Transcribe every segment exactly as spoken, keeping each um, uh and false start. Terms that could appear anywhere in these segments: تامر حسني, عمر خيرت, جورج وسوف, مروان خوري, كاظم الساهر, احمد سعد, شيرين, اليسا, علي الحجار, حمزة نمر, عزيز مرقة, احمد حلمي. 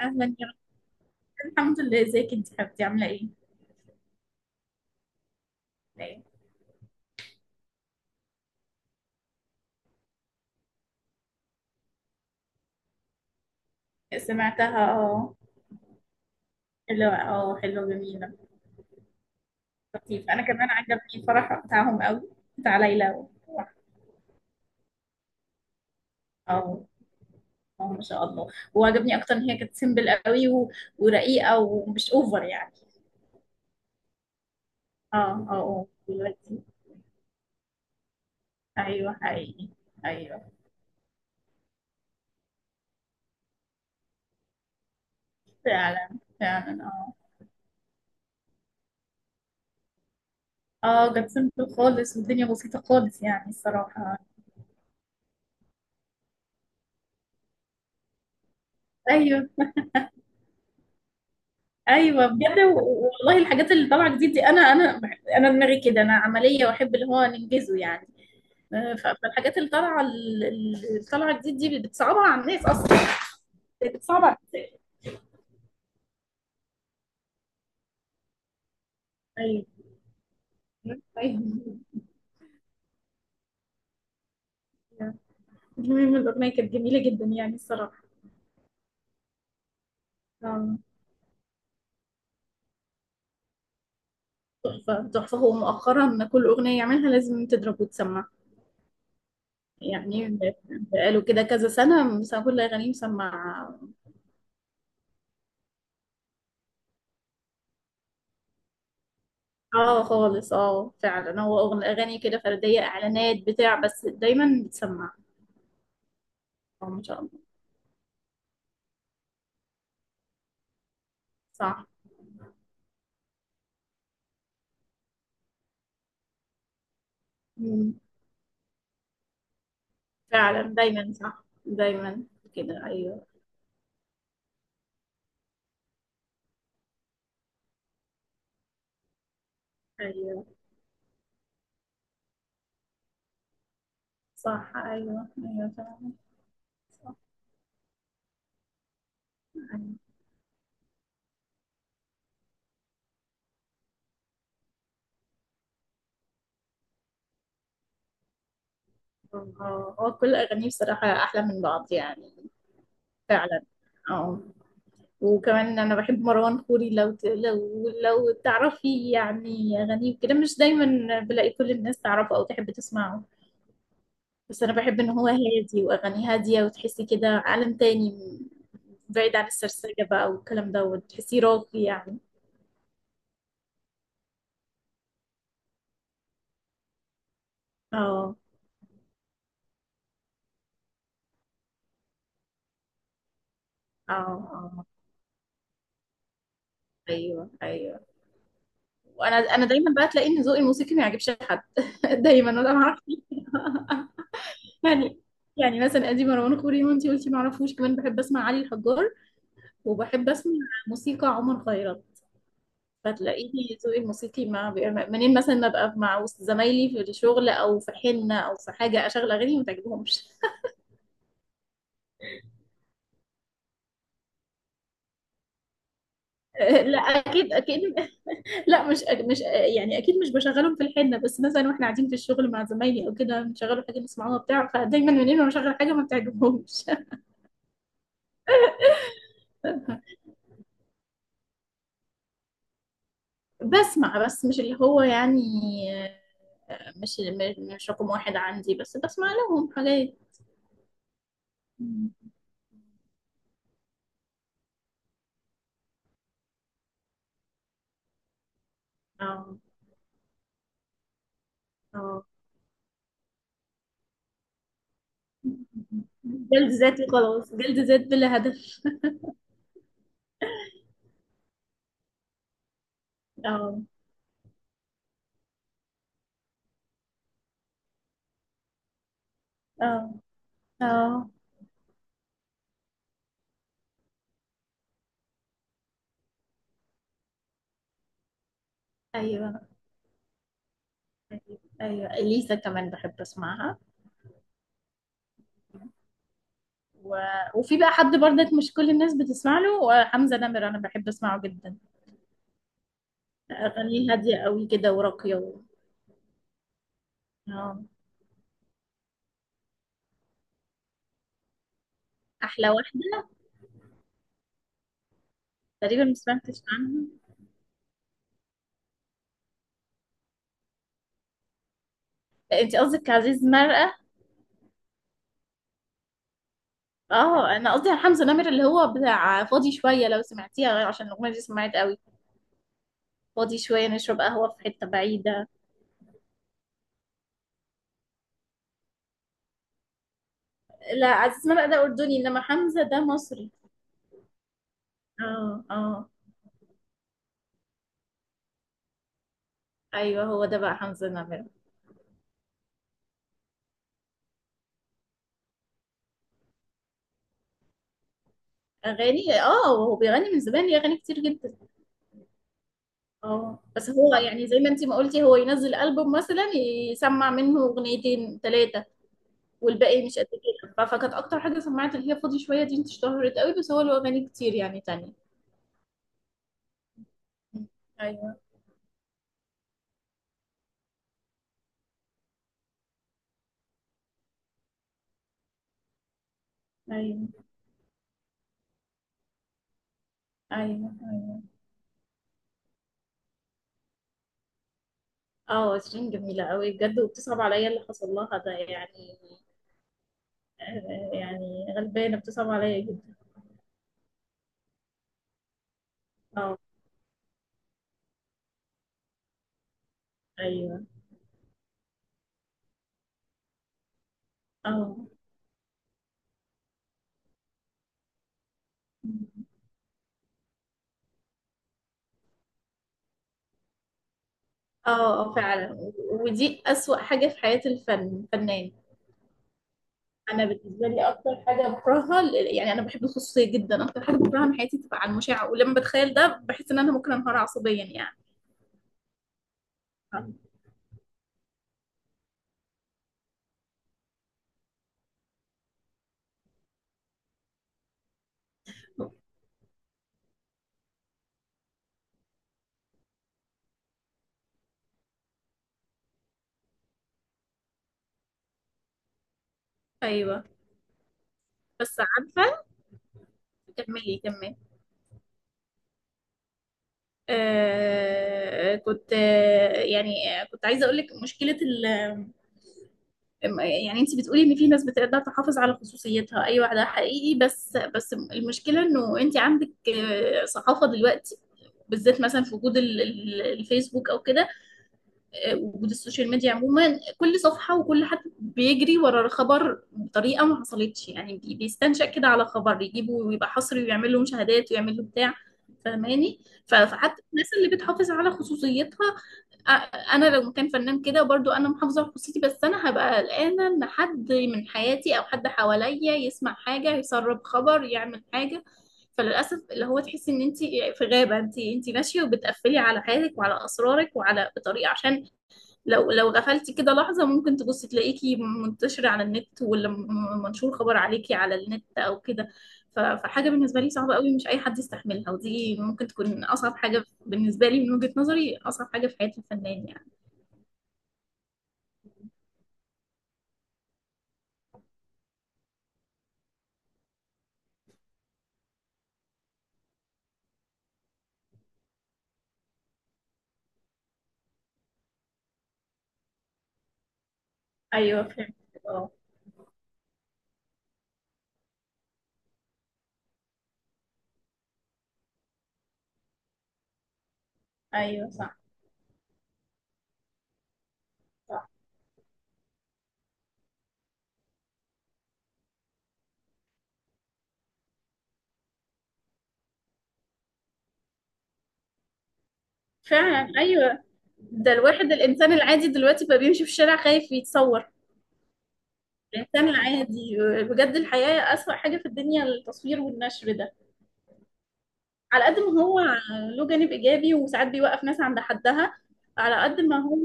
أهلا يا رب. الحمد لله، ازيك انت حبيبتي عاملة ايه؟ لا. إيه. سمعتها اه. حلوة اه حلوة جميلة. لطيف. أنا كمان عجبني الفرح بتاعهم قوي، بتاع ليلى و- اه، اه، ما شاء الله. وعجبني أكتر إن هي كانت سيمبل قوي و، ورقيقة ومش أوفر يعني. اه، اه، اه، دلوقتي. أيوه حقيقي. أيوه. فعلا فعلا اه. اه كانت سيمبل خالص والدنيا بسيطة خالص يعني الصراحة. ايوه، ايوه، بجد. و- والله الحاجات اللي طالعه جديد دي، انا انا بح- انا دماغي كده. انا عمليه واحب اللي هو ننجزه يعني. آه، ف- فالحاجات اللي طالعه ال- ال- اللي طالعه جديد دي بتصعبها على الناس اصلا. بتصعبها على الناس. ايوه، ايوه. المهم الاغنيه كانت جميله جدا يعني الصراحه. آه، تحفه تحفه. هو مؤخرا كل اغنيه يعملها لازم تضرب وتسمع يعني. بقاله كده كذا سنه مثلا كل اغانيه مسمع. اه خالص، اه فعلا. هو أغن- اغاني كده فرديه اعلانات بتاع، بس دايما بتسمع. اه ما شاء الله. صح. مم. فعلا، دايما صح، دايما كده. ايوه، ايوه، صح. ايوه، ايوه فعلا، صح. ايوه، اه. هو كل اغانيه بصراحه احلى من بعض يعني. فعلا. اه. وكمان انا بحب مروان خوري، لو ت... لو لو تعرفي. يعني اغانيه كده مش دايما بلاقي كل الناس تعرفه او تحب تسمعه. بس انا بحب ان هو هادي واغاني هاديه وتحسي كده عالم تاني، م- بعيد عن السرسجه بقى والكلام ده، وتحسيه راقي يعني. اه، اه، اه. ايوه، ايوه. وانا انا دايما بقى تلاقي ان ذوقي الموسيقي ما يعجبش حد دايما. انا ما اعرفش يعني. يعني مثلا ادي مروان خوري وانتي قلتي ما اعرفوش. كمان بحب اسمع علي الحجار، وبحب اسمع موسيقى عمر خيرت. فتلاقيني ذوقي الموسيقي ما بي- منين مثلا ما ابقى مع وسط زمايلي في الشغل او في حنه او في حاجه اشغل اغاني ما تعجبهمش. لا، اكيد اكيد. لا، مش مش يعني، اكيد مش بشغلهم في الحنه، بس مثلا واحنا قاعدين في الشغل مع زمايلي او كده بنشغلوا حاجه نسمعوها بتاع. فدايما منين ما بشغل حاجه ما بتعجبهمش. بسمع، بس مش اللي هو يعني. مش مش رقم واحد عندي، بس بسمع لهم حاجات. اه، اه، جلد ذات وخلاص، جلد ذات بلا هدف. اه، اه، اه. ايوه، ايوه. ايوه اليسا كمان بحب اسمعها. و... وفي بقى حد برضك مش كل الناس بتسمع له، آه، حمزة نمر. أنا بحب أسمعه جدا. أغانيه هادية قوي كده وراقية و... آه. أحلى واحدة تقريبا ما سمعتش عنها. أنت قصدك عزيز مرقة. اه انا قصدي على حمزة نمر اللي هو بتاع فاضي شوية، لو سمعتيها عشان الأغنية دي سمعت قوي. فاضي شوية، نشرب قهوة في حتة بعيدة. لا، عزيز مرقة ده أردني، إنما حمزة ده مصري. اه، اه. ايوه، هو ده بقى حمزة نمر. أغاني، اه، هو بيغني من زمان ليه أغاني كتير جدا. اه، بس هو يعني زي ما انت ما قلتي، هو ينزل ألبوم مثلا يسمع منه اغنيتين ثلاثة والباقي مش قد كده. ف- فكانت اكتر حاجة سمعت اللي هي فاضي شوية دي، انت اشتهرت قوي، بس هو له اغاني كتير يعني تانية. ايوه، ايوه. ايوه، ايوه. اه، شيرين جميلة قوي بجد، وبتصعب عليا اللي حصل لها ده يعني. آه، يعني غلبانة، بتصعب عليا جدا. اه، ايوه. اه، اه. آه، فعلا، ودي أسوأ حاجة في حياة الفن. الفنان. انا بالنسبه لي اكتر حاجه بكرهها، ال- يعني انا بحب الخصوصيه جدا. اكتر حاجه بكرهها من حياتي تبقى على المشاع، ولما بتخيل ده بحس ان انا ممكن انهار عصبيا يعني. ايوه. بس عارفه. كملي كملي. آه كنت آه يعني آه، كنت عايزه اقول لك مشكله ال. يعني انت بتقولي ان في ناس بتقدر تحافظ على خصوصيتها، ايوه ده حقيقي، بس بس المشكله انه انت عندك، آه، صحافه دلوقتي بالذات، مثلا في وجود ال- ال- الفيسبوك او كده. وجود السوشيال ميديا عموما كل صفحة وكل حد بيجري ورا خبر بطريقة ما حصلتش، يعني بي- بيستنشق كده على خبر يجيبه ويبقى حصري ويعمل له مشاهدات ويعمل له بتاع. فاهماني. ف- فحتى الناس اللي بتحافظ على خصوصيتها. أ- انا لو كان فنان كده برضو انا محافظة على خصوصيتي، بس انا هبقى قلقانة ان حد من حياتي او حد حواليا يسمع حاجة يسرب خبر يعمل حاجة. فللاسف اللي هو تحسي ان انت في غابه. انت انت ماشيه وبتقفلي على حياتك وعلى اسرارك وعلى بطريقه، عشان لو لو غفلتي كده لحظة ممكن تبصي تلاقيكي منتشرة على النت، ولا م- منشور خبر عليكي على النت أو كده. ف- فحاجة بالنسبة لي صعبة قوي، مش أي حد يستحملها، ودي ممكن تكون أصعب حاجة بالنسبة لي من وجهة نظري. أصعب حاجة في حياة الفنان يعني. أيوه فهمت. اه، أيوه، صح. صح فعلا. أيوه، ده الواحد الإنسان العادي دلوقتي بقى بيمشي في الشارع خايف يتصور. الإنسان العادي، بجد الحياة. أسوأ حاجة في الدنيا التصوير والنشر ده. على قد ما هو له جانب ايجابي وساعات بيوقف ناس عند حدها، على قد ما هو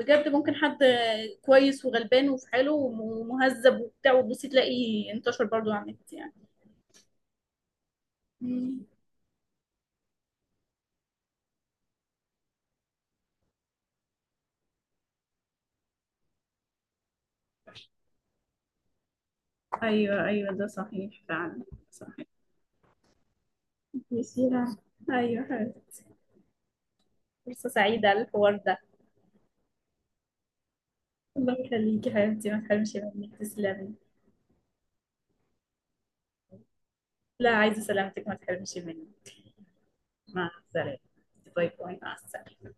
بجد، ممكن حد كويس وغلبان وفي حاله ومهذب وبتاع وتبصي تلاقي انتشر برضو على النت يعني. مم. ايوه، ايوه، ده صحيح فعلا. صحيح. يسيرة. ايوه حبيبتي. فرصة سعيدة الحوار ده. الله يخليكي حبيبتي، ما تحرمش مني. تسلمي. لا، عايزة سلامتك، ما تحرمش مني. مع السلامة. باي باي، مع السلامة.